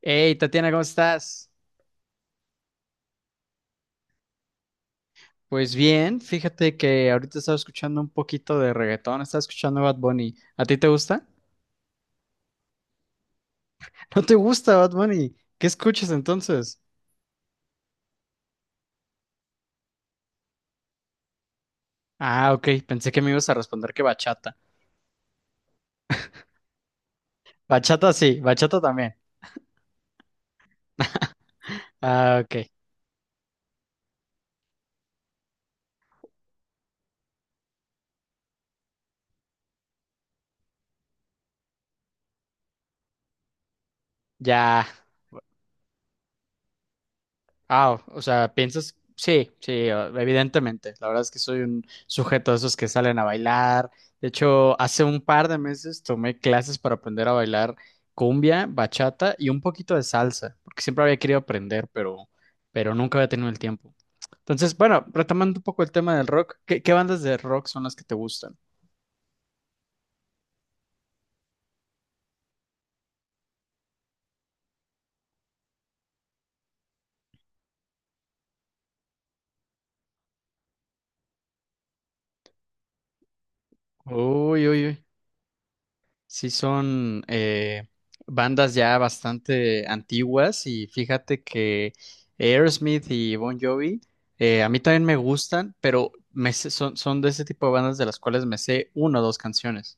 Hey, Tatiana, ¿cómo estás? Pues bien, fíjate que ahorita estaba escuchando un poquito de reggaetón, estaba escuchando Bad Bunny. ¿A ti te gusta? ¿No te gusta Bad Bunny? ¿Qué escuchas entonces? Ah, ok, pensé que me ibas a responder que bachata. Bachata sí, bachata también. Ah, ok, ya. Ah, o sea, piensas, sí, sí, evidentemente. La verdad es que soy un sujeto de esos que salen a bailar. De hecho, hace un par de meses tomé clases para aprender a bailar cumbia, bachata y un poquito de salsa, porque siempre había querido aprender, pero nunca había tenido el tiempo. Entonces, bueno, retomando un poco el tema del rock, ¿qué bandas de rock son las que te gustan? Uy, uy, uy. Sí, son bandas ya bastante antiguas y fíjate que Aerosmith y Bon Jovi a mí también me gustan, pero son, son de ese tipo de bandas de las cuales me sé una o dos canciones.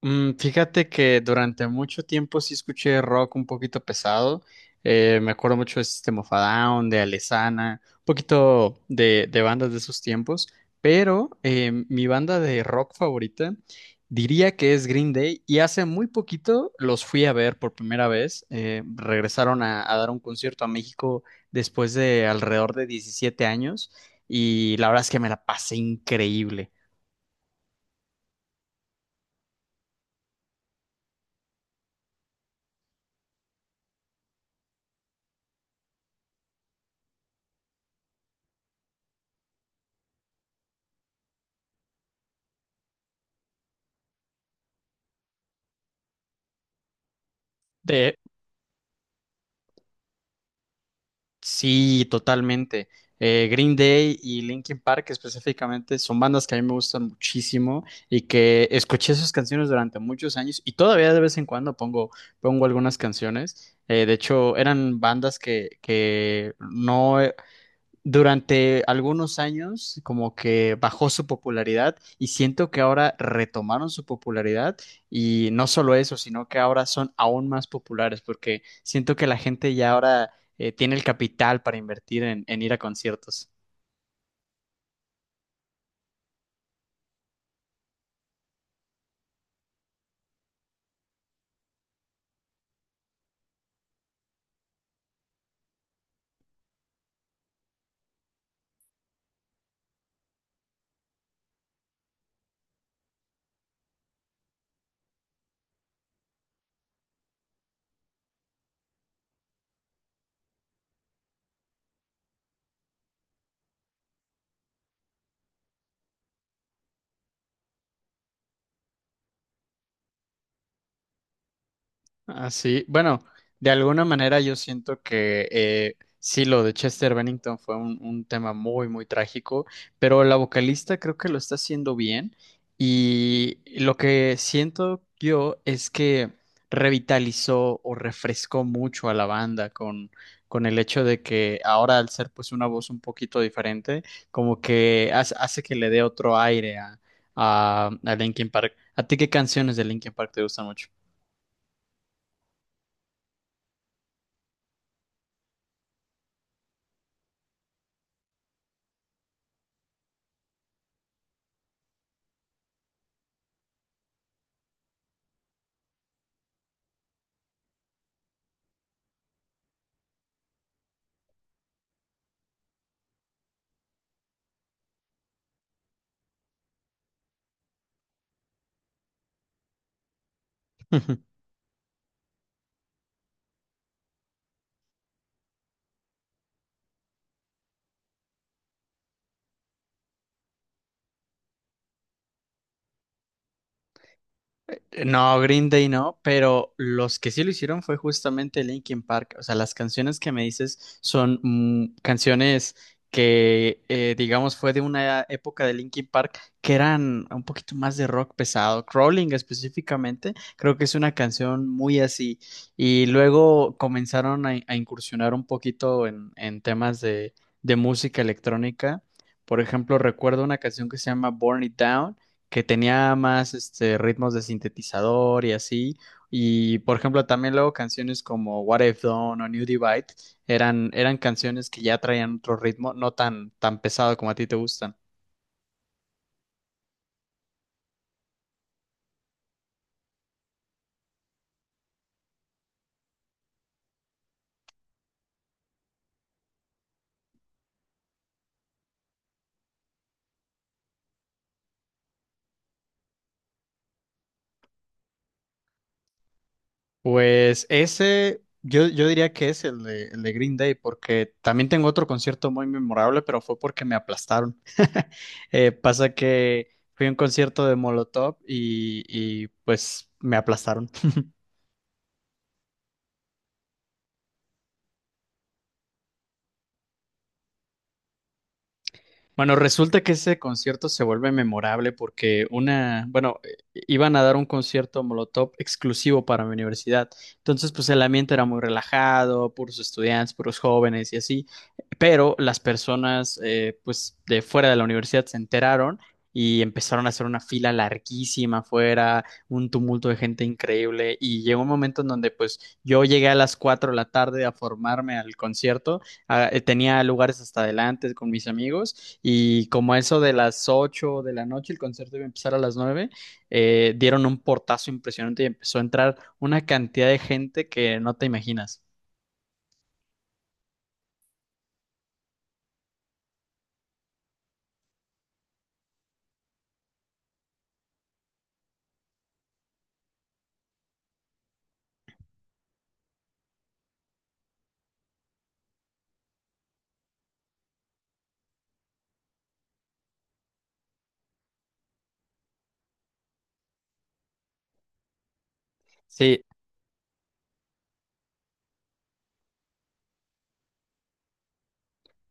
Fíjate que durante mucho tiempo sí escuché rock un poquito pesado. Me acuerdo mucho de System of a Down, de Alesana, un poquito de bandas de esos tiempos. Pero mi banda de rock favorita diría que es Green Day. Y hace muy poquito los fui a ver por primera vez. Regresaron a dar un concierto a México después de alrededor de 17 años. Y la verdad es que me la pasé increíble. De, Sí, totalmente. Green Day y Linkin Park específicamente son bandas que a mí me gustan muchísimo y que escuché sus canciones durante muchos años y todavía de vez en cuando pongo algunas canciones. De hecho, eran bandas que no, durante algunos años como que bajó su popularidad y siento que ahora retomaron su popularidad y no solo eso, sino que ahora son aún más populares porque siento que la gente ya ahora tiene el capital para invertir en ir a conciertos. Así, bueno, de alguna manera yo siento que sí, lo de Chester Bennington fue un tema muy trágico, pero la vocalista creo que lo está haciendo bien y lo que siento yo es que revitalizó o refrescó mucho a la banda con el hecho de que ahora al ser pues una voz un poquito diferente, como que hace que le dé otro aire a Linkin Park. ¿A ti qué canciones de Linkin Park te gustan mucho? No, Green Day no, pero los que sí lo hicieron fue justamente Linkin Park. O sea, las canciones que me dices son mm, canciones que digamos, fue de una época de Linkin Park que eran un poquito más de rock pesado. Crawling específicamente, creo que es una canción muy así. Y luego comenzaron a incursionar un poquito en temas de música electrónica. Por ejemplo, recuerdo una canción que se llama Burn It Down que tenía más este, ritmos de sintetizador y así. Y por ejemplo, también luego canciones como What I've Done o New Divide eran canciones que ya traían otro ritmo, no tan, tan pesado como a ti te gustan. Pues ese, yo diría que es el el de Green Day, porque también tengo otro concierto muy memorable, pero fue porque me aplastaron. Pasa que fui a un concierto de Molotov y pues me aplastaron. Bueno, resulta que ese concierto se vuelve memorable porque iban a dar un concierto Molotov exclusivo para mi universidad. Entonces, pues el ambiente era muy relajado, puros estudiantes, puros jóvenes y así. Pero las personas, pues de fuera de la universidad se enteraron y empezaron a hacer una fila larguísima afuera, un tumulto de gente increíble. Y llegó un momento en donde, pues yo llegué a las 4 de la tarde a formarme al concierto. Ah, tenía lugares hasta adelante con mis amigos. Y como a eso de las 8 de la noche, el concierto iba a empezar a las 9, dieron un portazo impresionante y empezó a entrar una cantidad de gente que no te imaginas. Sí,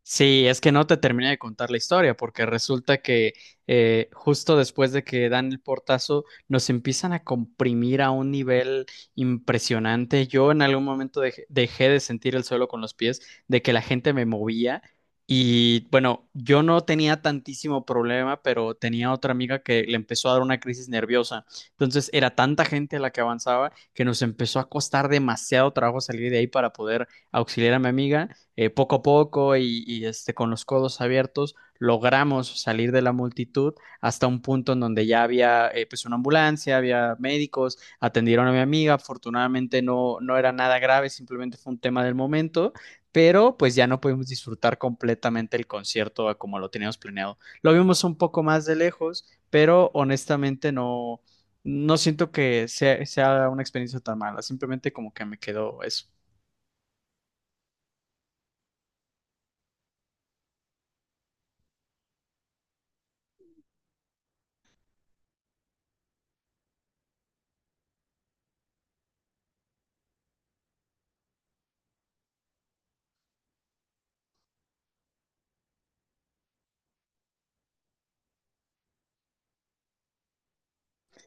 Sí, es que no te terminé de contar la historia, porque resulta que justo después de que dan el portazo, nos empiezan a comprimir a un nivel impresionante. Yo en algún momento dejé de sentir el suelo con los pies, de que la gente me movía. Y bueno, yo no tenía tantísimo problema, pero tenía otra amiga que le empezó a dar una crisis nerviosa. Entonces era tanta gente la que avanzaba que nos empezó a costar demasiado trabajo salir de ahí para poder auxiliar a mi amiga poco a poco y este, con los codos abiertos, logramos salir de la multitud hasta un punto en donde ya había pues una ambulancia, había médicos, atendieron a mi amiga, afortunadamente no era nada grave, simplemente fue un tema del momento, pero pues ya no pudimos disfrutar completamente el concierto a como lo teníamos planeado. Lo vimos un poco más de lejos, pero honestamente no. No siento que sea una experiencia tan mala, simplemente como que me quedó eso.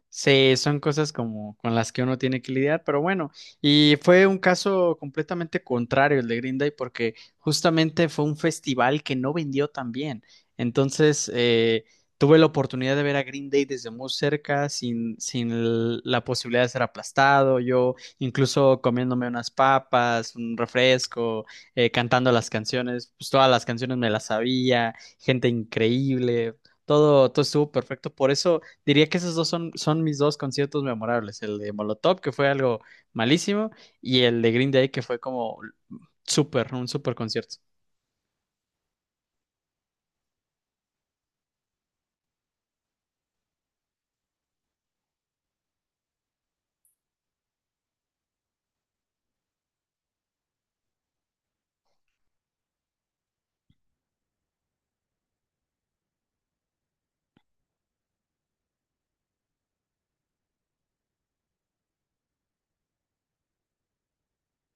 Sí, son cosas como con las que uno tiene que lidiar, pero bueno, y fue un caso completamente contrario el de Green Day porque justamente fue un festival que no vendió tan bien. Entonces, tuve la oportunidad de ver a Green Day desde muy cerca, sin, sin l- la posibilidad de ser aplastado, yo incluso comiéndome unas papas, un refresco, cantando las canciones, pues todas las canciones me las sabía, gente increíble, todo estuvo perfecto, por eso... Diría que esos dos son mis dos conciertos memorables, el de Molotov, que fue algo malísimo, y el de Green Day, que fue como súper, un súper concierto.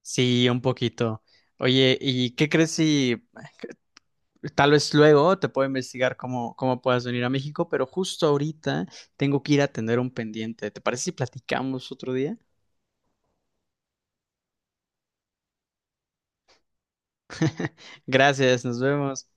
Sí, un poquito. Oye, ¿y qué crees si tal vez luego te puedo investigar cómo puedas venir a México? Pero justo ahorita tengo que ir a atender un pendiente. ¿Te parece si platicamos otro día? Gracias, nos vemos.